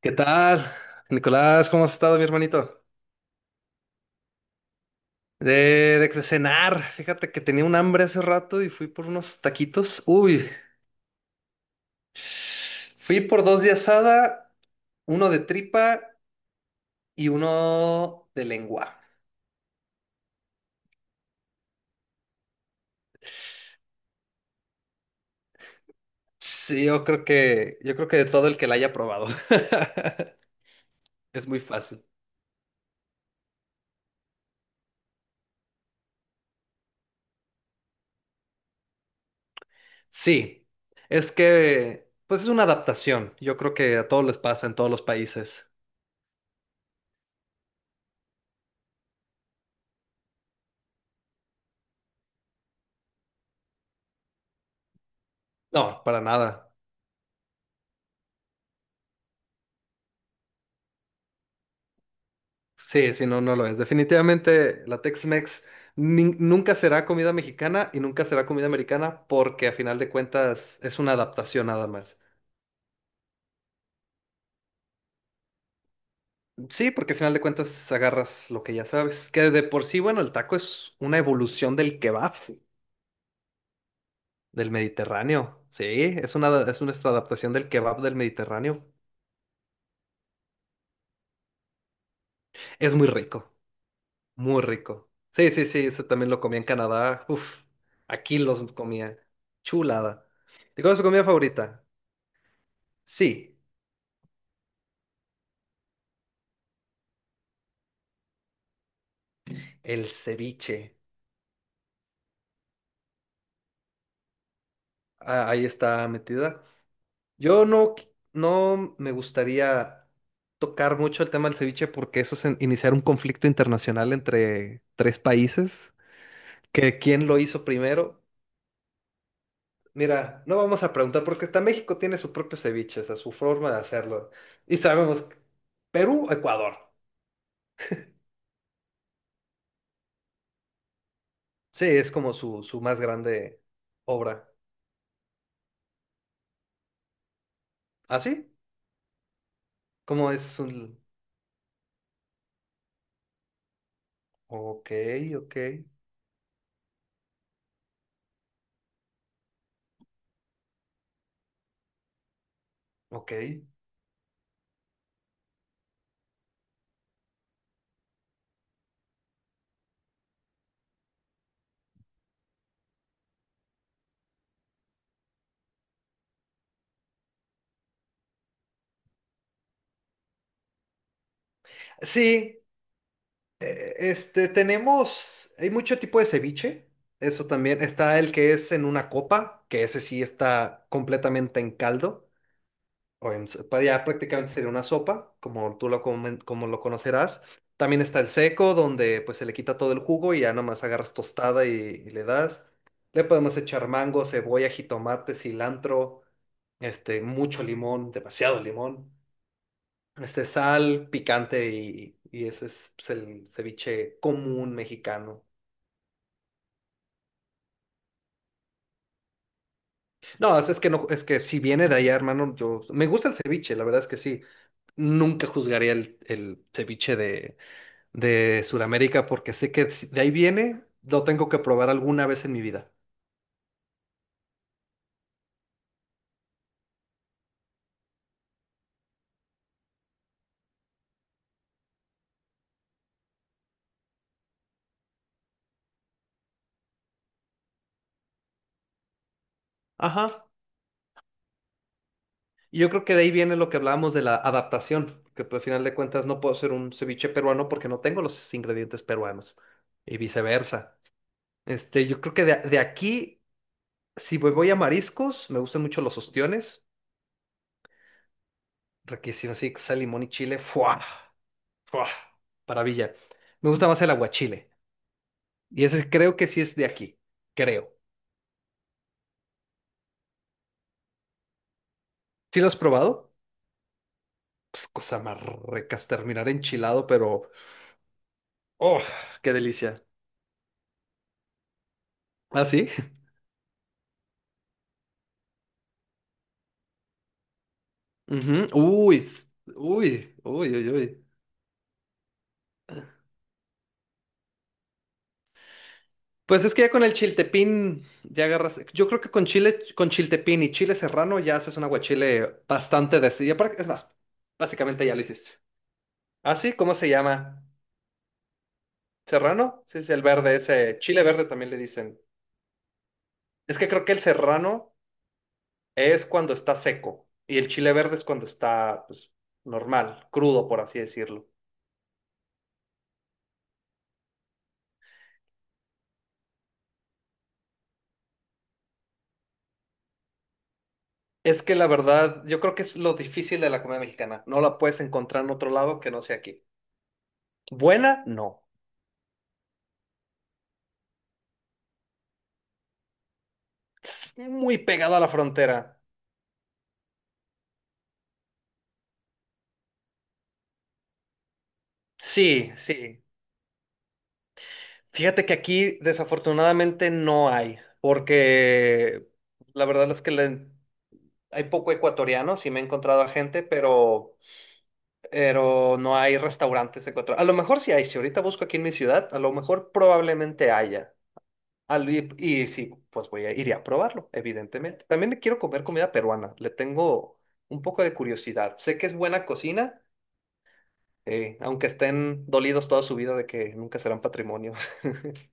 ¿Qué tal? Nicolás, ¿cómo has estado, mi hermanito? De, de cenar, fíjate que tenía un hambre hace rato y fui por unos taquitos. Uy, fui por dos de asada, uno de tripa y uno de lengua. Sí, yo creo que de todo el que la haya probado. Es muy fácil. Sí, es que, pues es una adaptación. Yo creo que a todos les pasa en todos los países. No, para nada. Sí, sí, no, no lo es. Definitivamente la Tex-Mex nunca será comida mexicana y nunca será comida americana porque a final de cuentas es una adaptación nada más. Sí, porque a final de cuentas agarras lo que ya sabes. Que de por sí, bueno, el taco es una evolución del kebab del Mediterráneo. Sí, es nuestra adaptación del kebab del Mediterráneo. Es muy rico, muy rico. Sí, sí, sí, ese también lo comía en Canadá. Uf, aquí los comía. Chulada. ¿Y cuál es su comida favorita? Sí. El ceviche. Ah, ahí está metida. Yo no, qui- no me gustaría tocar mucho el tema del ceviche porque iniciar un conflicto internacional entre tres países. Que quién lo hizo primero. Mira, no vamos a preguntar porque hasta México tiene su propio ceviche, o sea, su forma de hacerlo. Y sabemos, Perú, Ecuador. Sí, es como su más grande obra. ¿Ah, sí? Como es un... Ok, ok, ok. Sí. Este, hay mucho tipo de ceviche, eso también. Está el que es en una copa, que ese sí está completamente en caldo, o en, ya prácticamente sería una sopa, como como lo conocerás. También está el seco, donde pues se le quita todo el jugo y ya nomás agarras tostada y, le das. Le podemos echar mango, cebolla, jitomate, cilantro, este, mucho limón, demasiado limón. Este, sal, picante y, ese es pues el ceviche común mexicano. No, es que no, es que si viene de allá, hermano, yo me gusta el ceviche, la verdad es que sí. Nunca juzgaría el ceviche de, Sudamérica porque sé que si de ahí viene, lo tengo que probar alguna vez en mi vida. Ajá. Y yo creo que de ahí viene lo que hablábamos de la adaptación, que pues al final de cuentas no puedo hacer un ceviche peruano porque no tengo los ingredientes peruanos y viceversa. Este, yo creo que de aquí. Si voy a mariscos, me gustan mucho los ostiones. Riquísimo, sí, sal, limón y chile. ¡Fua! ¡Fua! Maravilla. Me gusta más el aguachile. Y ese creo que sí es de aquí. Creo. ¿Sí lo has probado? Pues cosa más ricas, terminar enchilado, pero. ¡Oh! ¡Qué delicia! ¿Ah, sí? Ujú. Uy, uy, uy, uy. Pues es que ya con el chiltepín ya agarras. Yo creo que con chile, con chiltepín y chile serrano ya haces un aguachile bastante de sí. Es más, básicamente ya lo hiciste. Ah, sí, ¿cómo se llama? ¿Serrano? Sí, sí, el verde, ese chile verde también le dicen. Es que creo que el serrano es cuando está seco y el chile verde es cuando está, pues, normal, crudo, por así decirlo. Es que la verdad, yo creo que es lo difícil de la comida mexicana. No la puedes encontrar en otro lado que no sea aquí. Buena, no. Tss, muy pegado a la frontera. Sí, sí. Fíjate que aquí desafortunadamente no hay, porque la verdad es que la... hay poco ecuatoriano, sí me he encontrado a gente, pero no hay restaurantes ecuatorianos. A lo mejor sí hay, si ahorita busco aquí en mi ciudad, a lo mejor probablemente haya. Y, sí, pues voy a, iré a probarlo, evidentemente. También quiero comer comida peruana, le tengo un poco de curiosidad. Sé que es buena cocina, aunque estén dolidos toda su vida de que nunca serán patrimonio.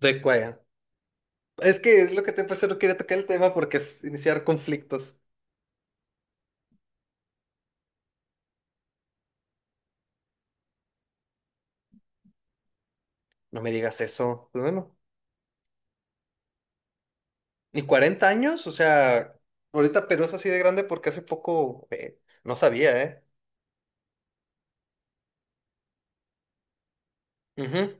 De cuaya. Es que es lo que te pensé, no quería tocar el tema porque es iniciar conflictos. No me digas eso. Pero bueno, ¿y 40 años? O sea, ahorita Perú es así de grande porque hace poco, no sabía, ¿eh? Ujú.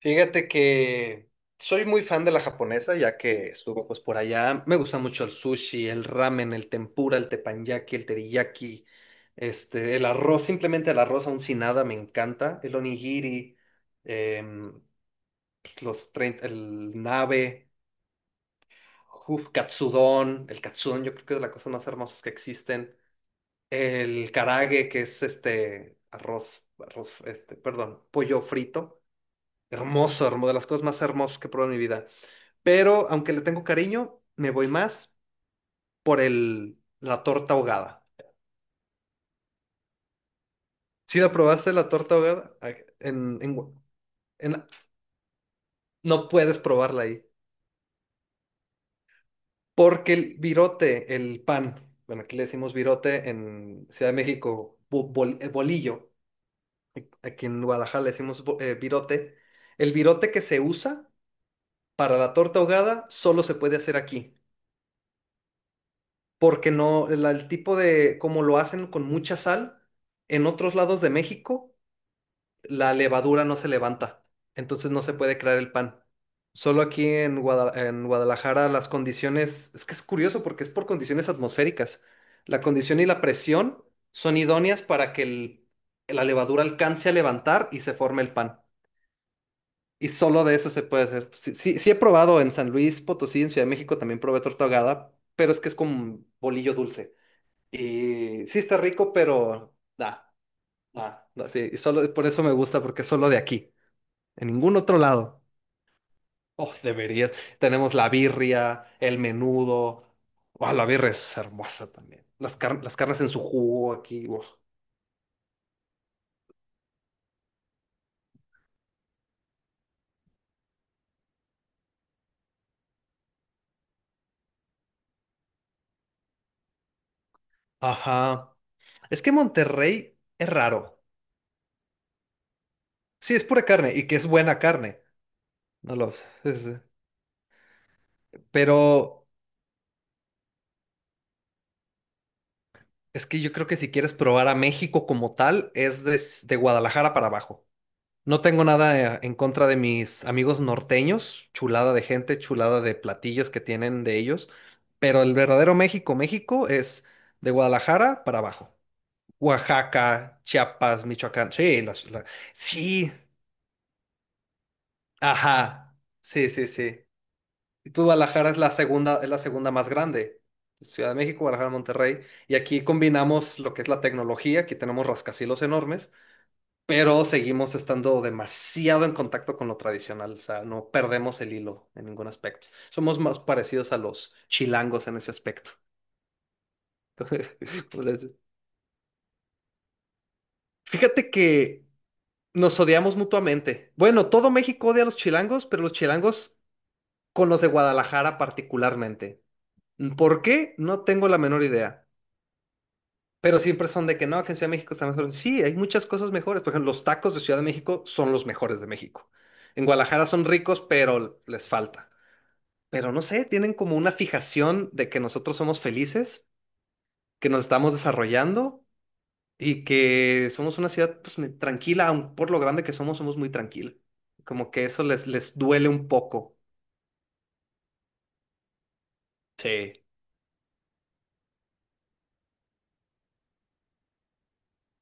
Fíjate que soy muy fan de la japonesa, ya que estuvo pues por allá. Me gusta mucho el sushi, el ramen, el tempura, el teppanyaki, el teriyaki, este, el arroz, simplemente el arroz aún sin nada me encanta, el onigiri, em, los 30, el nabe, uf, katsudon, el katsudon yo creo que es de las cosas más hermosas que existen. El karage, que es este perdón, pollo frito. Hermoso, hermoso, de las cosas más hermosas que he probado en mi vida. Pero aunque le tengo cariño, me voy más por la torta ahogada. ¿Si la probaste la torta ahogada? Ay, en- no puedes probarla ahí. Porque el virote, el pan, bueno, aquí le decimos virote... en Ciudad de México, bolillo. Aquí en Guadalajara le decimos virote. El virote que se usa para la torta ahogada solo se puede hacer aquí, porque no, el tipo de, como lo hacen con mucha sal, en otros lados de México la levadura no se levanta, entonces no se puede crear el pan. Solo aquí en en Guadalajara las condiciones, es que es curioso porque es por condiciones atmosféricas. La condición y la presión son idóneas para que la levadura alcance a levantar y se forme el pan. Y solo de eso se puede hacer. Sí, sí, sí, he probado en San Luis Potosí, en Ciudad de México también probé torta ahogada, pero es que es como bolillo dulce. Y sí está rico, pero da, sí. Y solo por eso me gusta, porque es solo de aquí, en ningún otro lado. Oh, deberías. Tenemos la birria, el menudo. Oh, la birria es hermosa también. Las, las carnes en su jugo aquí. Uf. Ajá. Es que Monterrey es raro. Sí, es pura carne y que es buena carne. No lo sé. Pero es que yo creo que si quieres probar a México como tal, es de Guadalajara para abajo. No tengo nada, en contra de mis amigos norteños, chulada de gente, chulada de platillos que tienen de ellos, pero el verdadero México, México es de Guadalajara para abajo. Oaxaca, Chiapas, Michoacán. Sí, sí, ajá. Sí, sí, sí. Y pues Guadalajara es es la segunda más grande. Ciudad de México, Guadalajara, Monterrey. Y aquí combinamos lo que es la tecnología, aquí tenemos rascacielos enormes, pero seguimos estando demasiado en contacto con lo tradicional, o sea, no perdemos el hilo en ningún aspecto. Somos más parecidos a los chilangos en ese aspecto. Como les... fíjate que nos odiamos mutuamente. Bueno, todo México odia a los chilangos, pero los chilangos con los de Guadalajara particularmente. ¿Por qué? No tengo la menor idea. Pero siempre son de que no, que en Ciudad de México está mejor. Sí, hay muchas cosas mejores. Por ejemplo, los tacos de Ciudad de México son los mejores de México. En Guadalajara son ricos, pero les falta. Pero no sé, tienen como una fijación de que nosotros somos felices, que nos estamos desarrollando y que somos una ciudad pues, tranquila, aun por lo grande que somos, somos muy tranquila. Como que eso les, les duele un poco. Sí.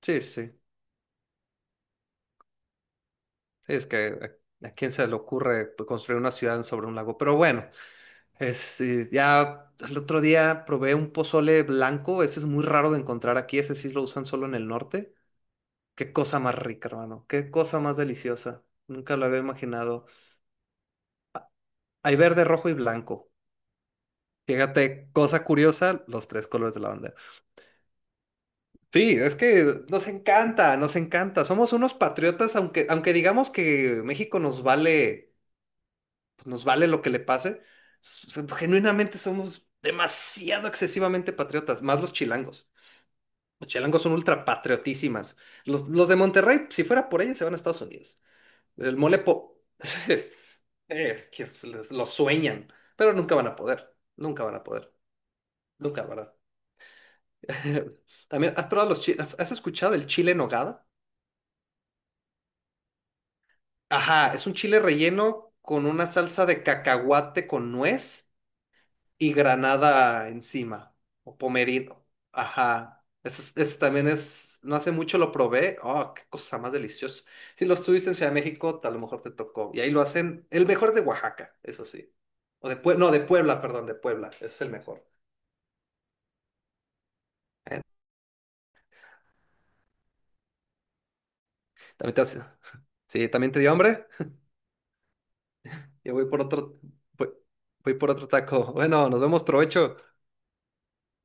Sí, sí. Sí, es que a quién se le ocurre pues construir una ciudad sobre un lago. Pero bueno. Este, ya el otro día probé un pozole blanco, ese es muy raro de encontrar aquí, ese sí lo usan solo en el norte. Qué cosa más rica, hermano, qué cosa más deliciosa. Nunca lo había imaginado. Hay verde, rojo y blanco. Fíjate, cosa curiosa, los tres colores de la bandera. Sí, es que nos encanta, nos encanta. Somos unos patriotas, aunque, aunque digamos que México nos vale, pues nos vale lo que le pase, s- genuinamente somos demasiado excesivamente patriotas, más los chilangos. Los chilangos son ultra patriotísimas. Los de Monterrey, si fuera por ellos, se van a Estados Unidos. El mole po- que lo sueñan, pero nunca van a poder. Nunca van a poder. Nunca, ¿verdad? También, ¿has probado los chiles? ¿Has escuchado el chile en nogada? Ajá, es un chile relleno con una salsa de cacahuate con nuez y granada encima, o pomerino. Ajá. Ese, ese también es, no hace mucho lo probé. Oh, qué cosa más deliciosa. Si lo estuviste en Ciudad de México, a lo mejor te tocó. Y ahí lo hacen, el mejor es de Oaxaca, eso sí. O de Puebla, no, de Puebla, perdón, de Puebla. Ese es el mejor. Eh, También te sí, también te dio hambre. Yo voy por otro, voy, voy por otro taco. Bueno, nos vemos, provecho.